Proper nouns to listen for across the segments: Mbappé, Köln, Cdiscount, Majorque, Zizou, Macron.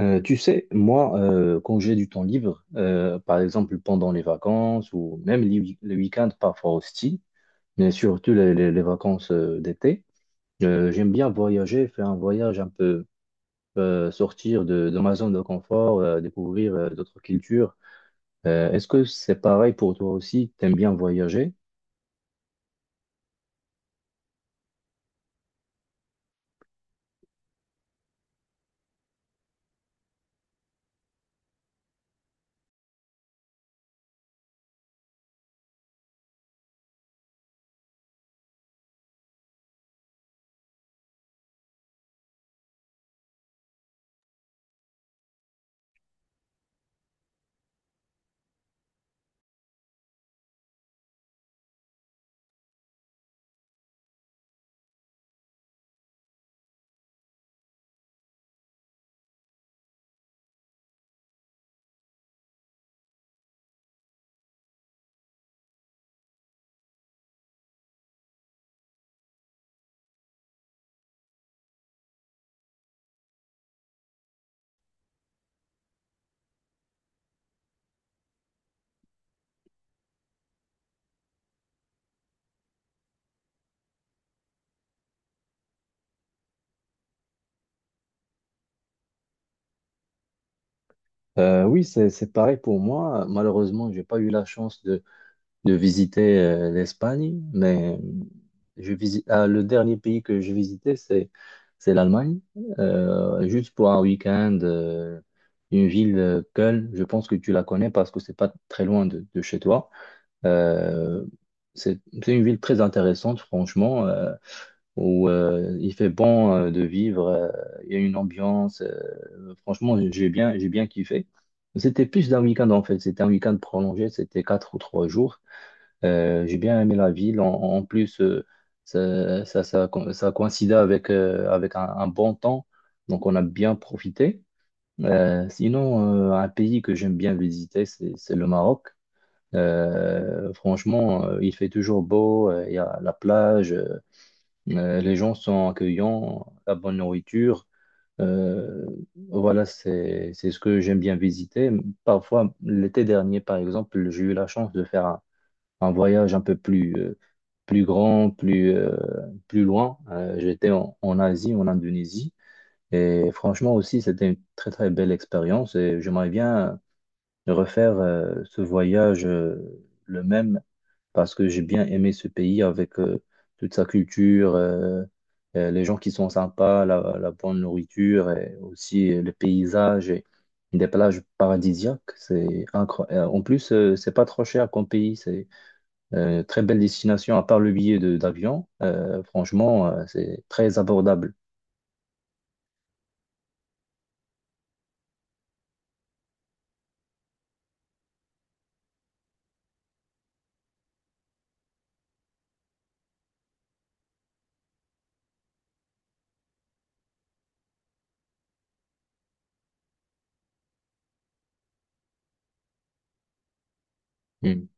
Tu sais, moi, quand j'ai du temps libre, par exemple pendant les vacances ou même les week-ends parfois aussi, mais surtout les vacances d'été, j'aime bien voyager, faire un voyage un peu, sortir de ma zone de confort, découvrir d'autres cultures. Est-ce que c'est pareil pour toi aussi? T'aimes bien voyager? Oui, c'est pareil pour moi. Malheureusement, j'ai pas eu la chance de visiter l'Espagne, mais ah, le dernier pays que je visitais, c'est l'Allemagne. Juste pour un week-end, une ville, Köln, je pense que tu la connais parce que c'est pas très loin de chez toi. Euh, c'est une ville très intéressante, franchement, où il fait bon de vivre, il y a une ambiance, franchement, j'ai bien kiffé. C'était plus d'un week-end en fait, c'était un week-end prolongé, c'était 4 ou 3 jours. J'ai bien aimé la ville. En plus, ça coïncidait avec un bon temps. Donc, on a bien profité. Sinon, un pays que j'aime bien visiter, c'est le Maroc. Franchement, il fait toujours beau. Il y a la plage. Les gens sont accueillants. La bonne nourriture. Euh, voilà, c'est ce que j'aime bien visiter. Parfois, l'été dernier, par exemple, j'ai eu la chance de faire un voyage un peu plus grand, plus loin. J'étais en Asie, en Indonésie. Et franchement aussi, c'était une très très belle expérience et j'aimerais bien refaire ce voyage le même parce que j'ai bien aimé ce pays avec toute sa culture, les gens qui sont sympas, la bonne nourriture et aussi le paysage et des plages paradisiaques. C'est incroyable. En plus, c'est pas trop cher comme pays. Très belle destination, à part le billet de d'avion. Franchement, c'est très abordable. Mm.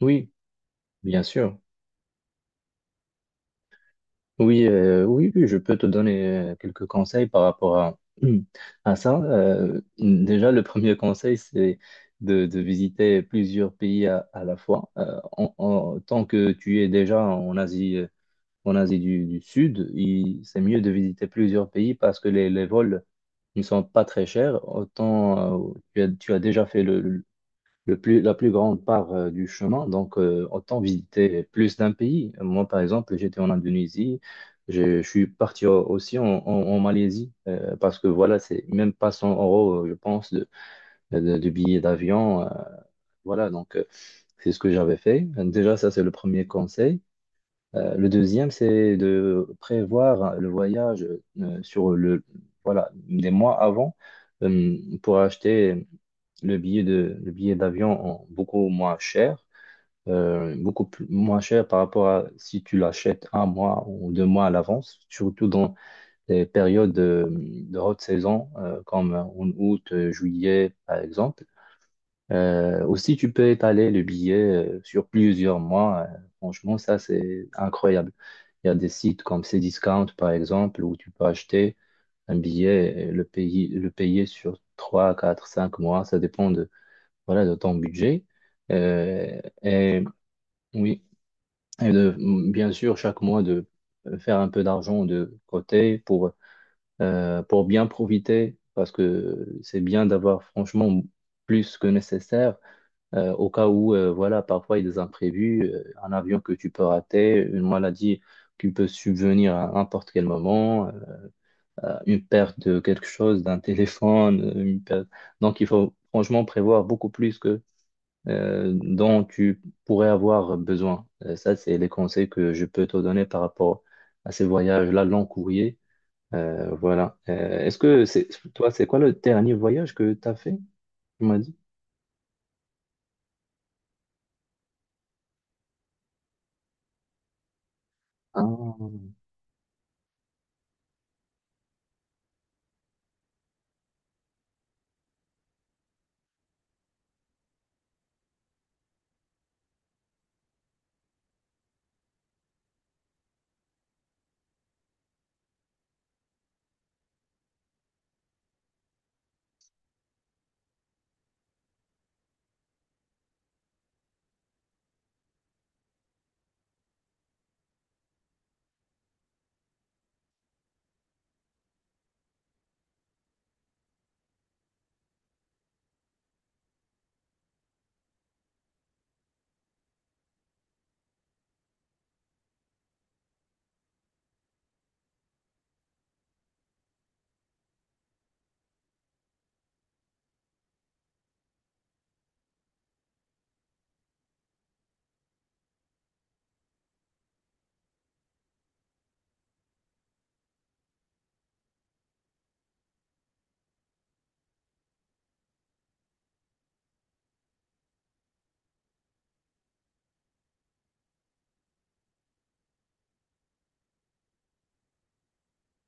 Oui, bien sûr. Oui, oui, oui, je peux te donner quelques conseils par rapport à ça. Déjà, le premier conseil, c'est de visiter plusieurs pays à la fois. Tant que tu es déjà en Asie du Sud, c'est mieux de visiter plusieurs pays parce que les vols ne sont pas très chers. Autant tu as déjà fait la plus grande part du chemin. Donc, autant visiter plus d'un pays. Moi, par exemple, j'étais en Indonésie. Je suis parti aussi en Malaisie parce que voilà, c'est même pas 100 euros, je pense, de billets d'avion. Voilà, donc c'est ce que j'avais fait. Déjà, ça, c'est le premier conseil. Le deuxième, c'est de prévoir le voyage euh, sur le, voilà, des mois avant pour acheter le billet d'avion en beaucoup moins cher, beaucoup moins cher par rapport à si tu l'achètes un mois ou 2 mois à l'avance, surtout dans les périodes de haute saison comme en août, juillet, par exemple. Aussi, tu peux étaler le billet sur plusieurs mois. Franchement, ça, c'est incroyable. Il y a des sites comme Cdiscount, par exemple, où tu peux acheter un billet et le payer sur 3, 4, 5 mois. Ça dépend voilà, de ton budget. Et oui, et de, bien sûr, chaque mois, de faire un peu d'argent de côté pour bien profiter, parce que c'est bien d'avoir franchement plus que nécessaire au cas où, voilà, parfois il y a des imprévus, un avion que tu peux rater, une maladie qui peut subvenir à n'importe quel moment, une perte de quelque chose, d'un téléphone. Donc il faut franchement prévoir beaucoup plus que dont tu pourrais avoir besoin. Ça, c'est les conseils que je peux te donner par rapport à ces voyages-là, long courrier. Voilà. Est-ce que c'est toi, C'est quoi le dernier voyage que tu as fait? Tu m'as dit. Ah.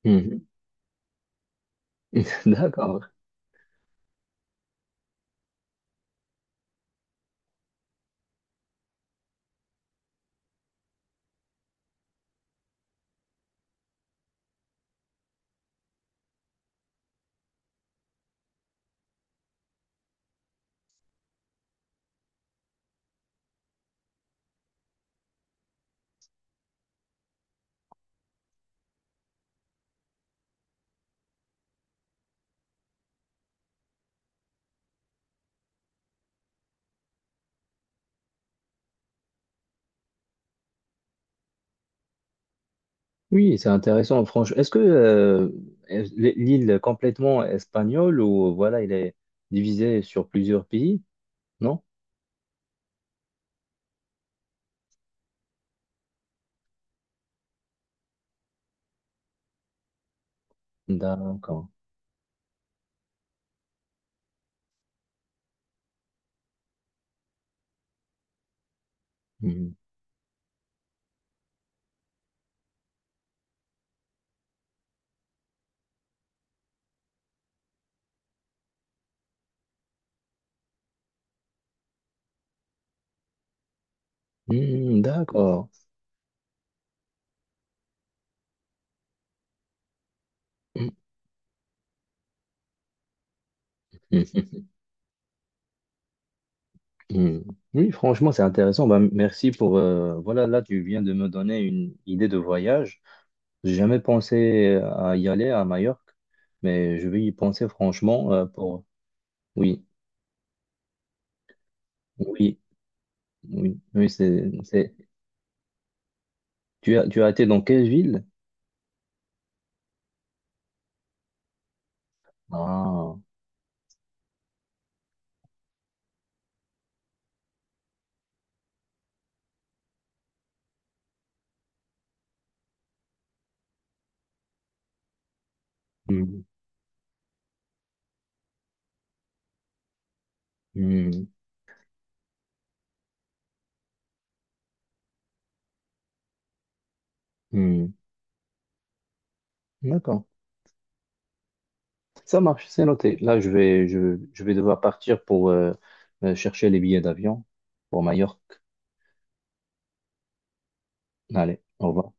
Mhm. D'accord. Oui, c'est intéressant. Franchement, est-ce que est- l'île est complètement espagnole ou voilà, il est divisé sur plusieurs pays? Non? D'accord. Hmm. Hmm, d'accord. Hmm, hmm, hmm, hmm. Oui, franchement, c'est intéressant. Ben, merci pour voilà, là, tu viens de me donner une idée de voyage. J'ai jamais pensé à y aller à Majorque, mais je vais y penser franchement pour. Oui, oui, oui, oui, Tu as été dans quelle ville? Ah. Mmh. Hmm, hmm. D'accord. Ça marche, c'est noté. Là, je vais devoir partir pour chercher les billets d'avion pour Majorque. Allez, au revoir.